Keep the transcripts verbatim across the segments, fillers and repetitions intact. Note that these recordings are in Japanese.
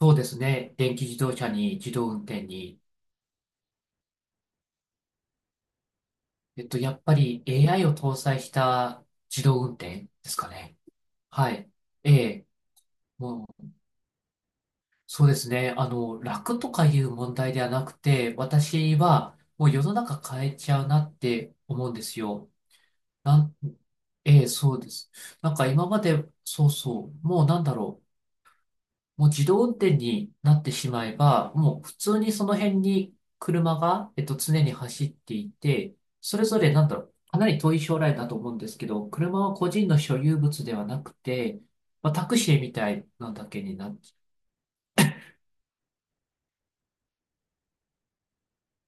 そうですね。電気自動車に自動運転に。えっと、やっぱり エーアイ を搭載した自動運転ですかね。はい。ええ、もう、そうですね。あの、楽とかいう問題ではなくて、私はもう世の中変えちゃうなって思うんですよ。なん、ええ、そうです。なんか今まで、そうそう、もうなんだろう。もう自動運転になってしまえば、もう普通にその辺に車が、えっと、常に走っていて、それぞれなんだろう、かなり遠い将来だと思うんですけど、車は個人の所有物ではなくて、まあ、タクシーみたいなだけになっ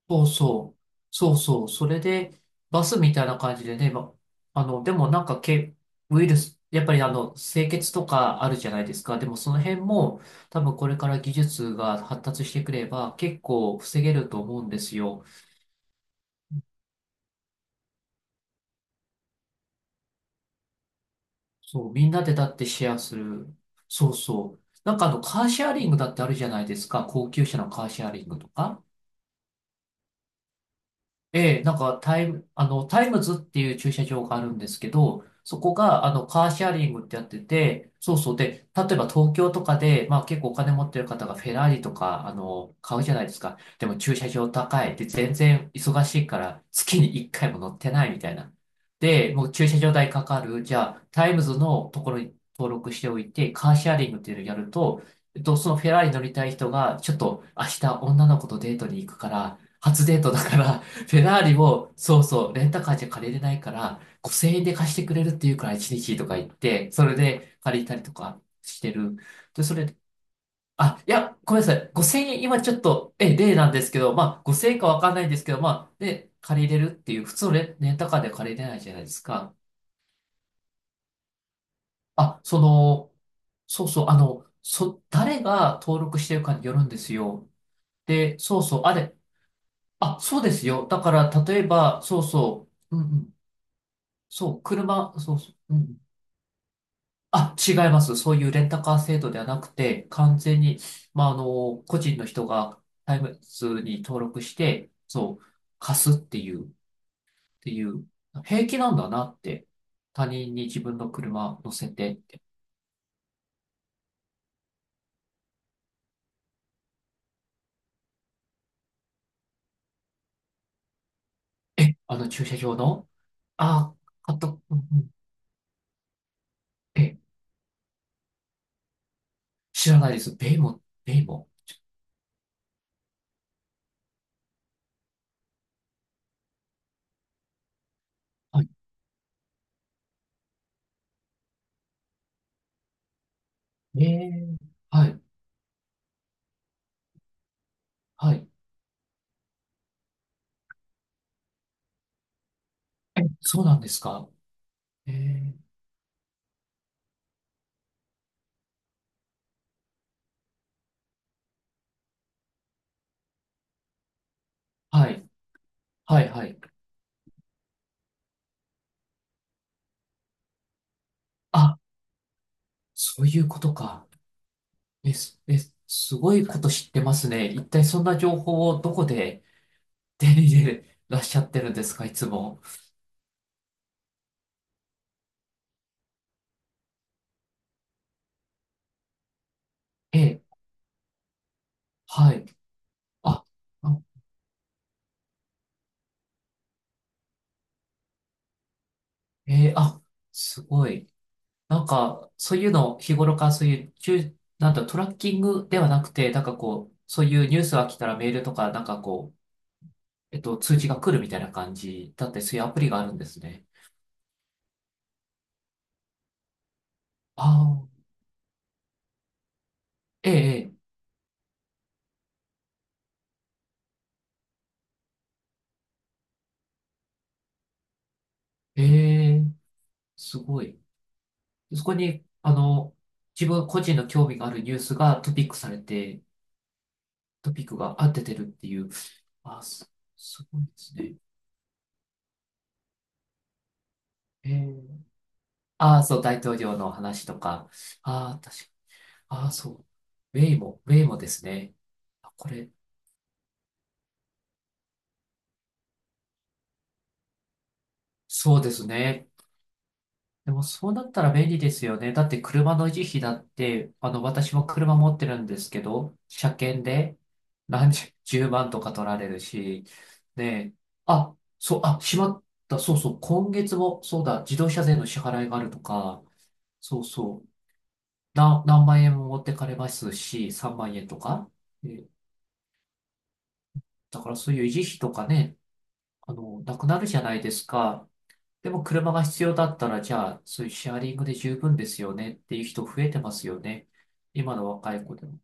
そうそう。そうそう。それで、バスみたいな感じでね、ま、あの、でもなんかけ、ウイルス、やっぱりあの、清潔とかあるじゃないですか。でもその辺も、多分これから技術が発達してくれば、結構防げると思うんですよ。そう、みんなでだってシェアする。そうそう。なんかあの、カーシェアリングだってあるじゃないですか。高級車のカーシェアリングとか。ええ、なんかタイム、あの、タイムズっていう駐車場があるんですけど、そこが、あの、カーシェアリングってやってて、そうそう。で、例えば東京とかで、まあ結構お金持ってる方がフェラーリとか、あの、買うじゃないですか。でも駐車場高い。で、全然忙しいから、月にいっかいも乗ってないみたいな。で、もう駐車場代かかる。じゃあ、タイムズのところに登録しておいて、カーシェアリングっていうのをやると、えっと、そのフェラーリ乗りたい人が、ちょっと明日女の子とデートに行くから、初デートだから、フェラーリも、そうそう、レンタカーじゃ借りれないから、ごせんえんで貸してくれるっていうからいちにちとか言って、それで借りたりとかしてる。で、それで、あ、いや、ごめんなさい。ごせんえん、今ちょっと、え、例なんですけど、まあ、ごせんえんかわかんないんですけど、まあ、で、借りれるっていう、普通のレ、レンタカーで借りれないじゃないですか。あ、その、そうそう、あの、そ、誰が登録してるかによるんですよ。で、そうそう、あれ、あ、そうですよ。だから、例えば、そうそう、うんうんそう、車、そうそう、うん。あ、違います。そういうレンタカー制度ではなくて、完全に、まあ、あの、個人の人がタイムズに登録して、そう、貸すっていう、っていう、平気なんだなって。他人に自分の車乗せてって。え、あの駐車場のあ、買っうんうん、え、知らないです。ベイも、ベイも。はい。えー、はい、はい。え、そうなんですか。えー、はい、はい、はい。あ、そういうことか。え、すえ、すごいこと知ってますね。一体そんな情報をどこで手に入れらっしゃってるんですか、いつも。え、はい。あ、あえーあ、すごい。なんか、そういうの、日頃からそういう、ちゅなんだ、トラッキングではなくて、なんかこう、そういうニュースが来たらメールとか、なんかこう、えっと、通知が来るみたいな感じだって、そういうアプリがあるんですね。ああ、ええ、ええ、ええすごい。そこに、あの、自分個人の興味があるニュースがトピックされて、トピックが合っててるっていう。あ、す、すごいですね。えー、ああ、そう、大統領の話とか。ああ、確か。ああ、そう。ウェイも、ウェイもですね。あこれ、そうですね。でもそうなったら便利ですよね。だって車の維持費だって、あの、私も車持ってるんですけど、車検で何十、じゅうまんとか取られるし、ねえ、あ、そう、あ、しまった、そうそう、今月も、そうだ、自動車税の支払いがあるとか、そうそう、な、何万円も持ってかれますし、さんまん円とか。えだからそういう維持費とかね、あの、なくなるじゃないですか。でも車が必要だったら、じゃあ、そういうシェアリングで十分ですよねっていう人増えてますよね。今の若い子でも。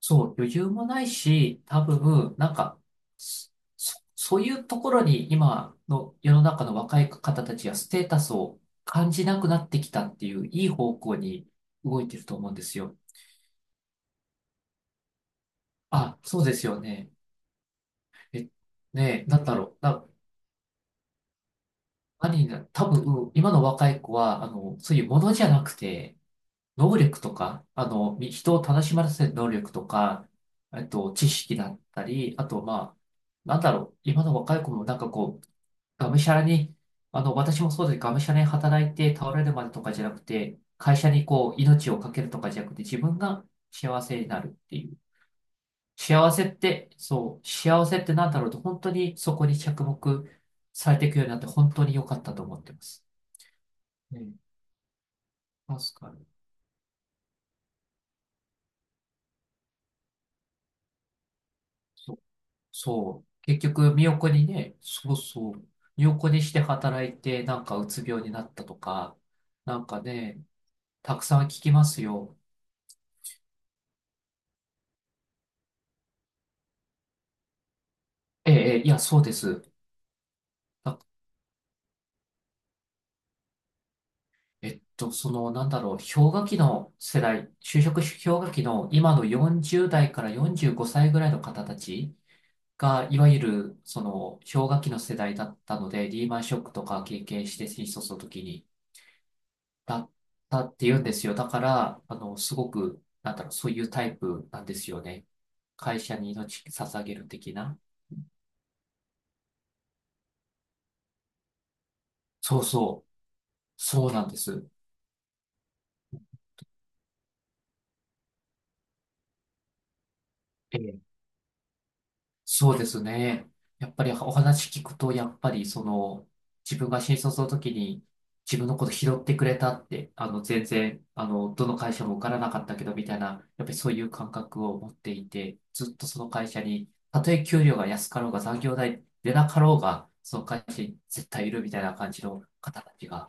そう、余裕もないし、多分、なんか、そ、そそういうところに今の世の中の若い方たちがステータスを感じなくなってきたっていういい方向に動いてると思うんですよ。あ、そうですよね。え、ねえ、なんだろう。な、何にな、多分、今の若い子は、あの、そういうものじゃなくて、能力とか、あの、み人を楽しませる能力とか、えっと、知識だったり、あと、まあ、なんだろう、今の若い子もなんかこう、がむしゃらに、あの、私もそうです。がむしゃらに働いて倒れるまでとかじゃなくて、会社にこう、命をかけるとかじゃなくて、自分が幸せになるっていう。幸せって、そう、幸せってなんだろうと、本当にそこに着目されていくようになって、本当に良かったと思ってます。ね、確かに。そう。結局、身を粉にね、そうそう。身を粉にして働いて、なんかうつ病になったとか、なんかね、たくさん聞きますよ。ええ、ええいや、そうです。あえっと、その、なんだろう、氷河期の世代、就職氷河期の今のよんじゅう代からよんじゅうごさいぐらいの方たちが、いわゆる、その、氷河期の世代だったので、リーマンショックとか経験して、新卒の時に、だったって言うんですよ。だから、あの、すごく、なんだろう、そういうタイプなんですよね。会社に命捧げる的な。そうそう。そうなんです。そうですね。やっぱりお話聞くと、やっぱりその、自分が新卒の時に自分のこと拾ってくれたって、あの、全然、あの、どの会社も受からなかったけど、みたいな、やっぱりそういう感覚を持っていて、ずっとその会社に、たとえ給料が安かろうが残業代出なかろうが、その会社に絶対いるみたいな感じの方たちが、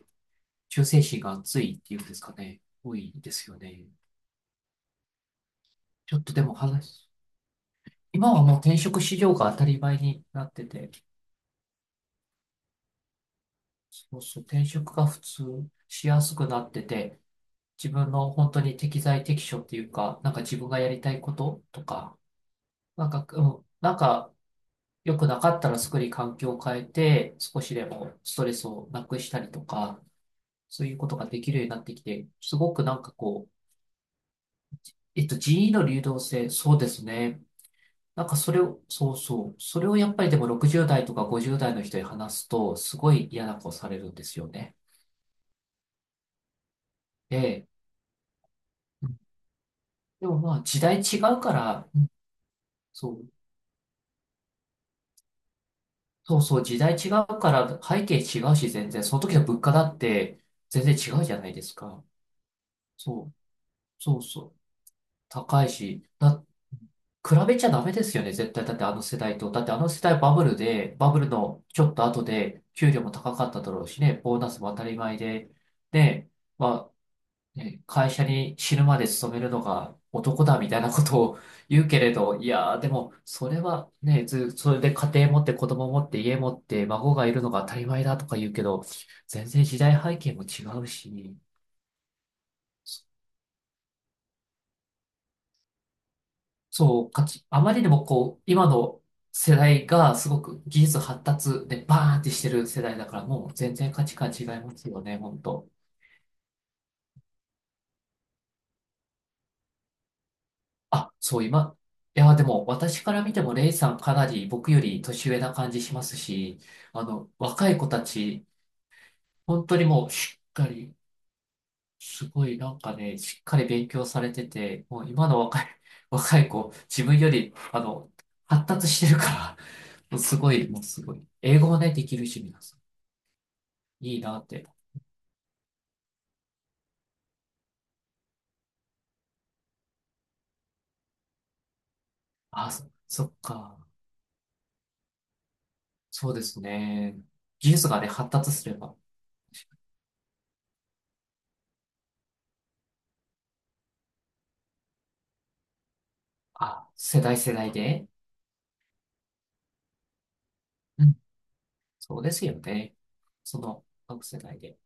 忠誠心が熱いっていうんですかね、多いですよね。ちょっとでも話、今はもう転職市場が当たり前になってて、そうそう、転職が普通しやすくなってて、自分の本当に適材適所っていうか、なんか自分がやりたいこととか、なんか、うん、なんか良くなかったらすぐに環境を変えて、少しでもストレスをなくしたりとか、そういうことができるようになってきて、すごくなんかこう、えっと、人員の流動性、そうですね。なんかそれを、そうそう、それをやっぱりでもろくじゅう代とかごじゅう代の人に話すと、すごい嫌な顔されるんですよね。ええでもまあ時代違うから、うんそう、そうそう、時代違うから背景違うし全然、その時の物価だって全然違うじゃないですか。そう、そうそう、高いし、だ、比べちゃダメですよね、絶対。だってあの世代と。だってあの世代バブルで、バブルのちょっと後で給料も高かっただろうしね、ボーナスも当たり前で、で、まね、会社に死ぬまで勤めるのが男だみたいなことを言うけれど、いやーでも、それはね、ず、それで家庭持って子供持って家持って孫がいるのが当たり前だとか言うけど、全然時代背景も違うし、そう、かつ、あまりにもこう、今の世代がすごく技術発達でバーンってしてる世代だから、もう全然価値観違いますよね、本当あ、そう、今、いや、でも、私から見ても、レイさんかなり僕より年上な感じしますし、あの、若い子たち、本当にもう、しっかり、すごい、なんかね、しっかり勉強されてて、もう今の若い、若い子、自分より、あの、発達してるから、もうすごい、もうすごい。英語もね、できるし、皆さん。いいなって。あ、そ、そっか。そうですね。技術がね、発達すれば、あ、世代世代で。そうですよね。その、各世代で。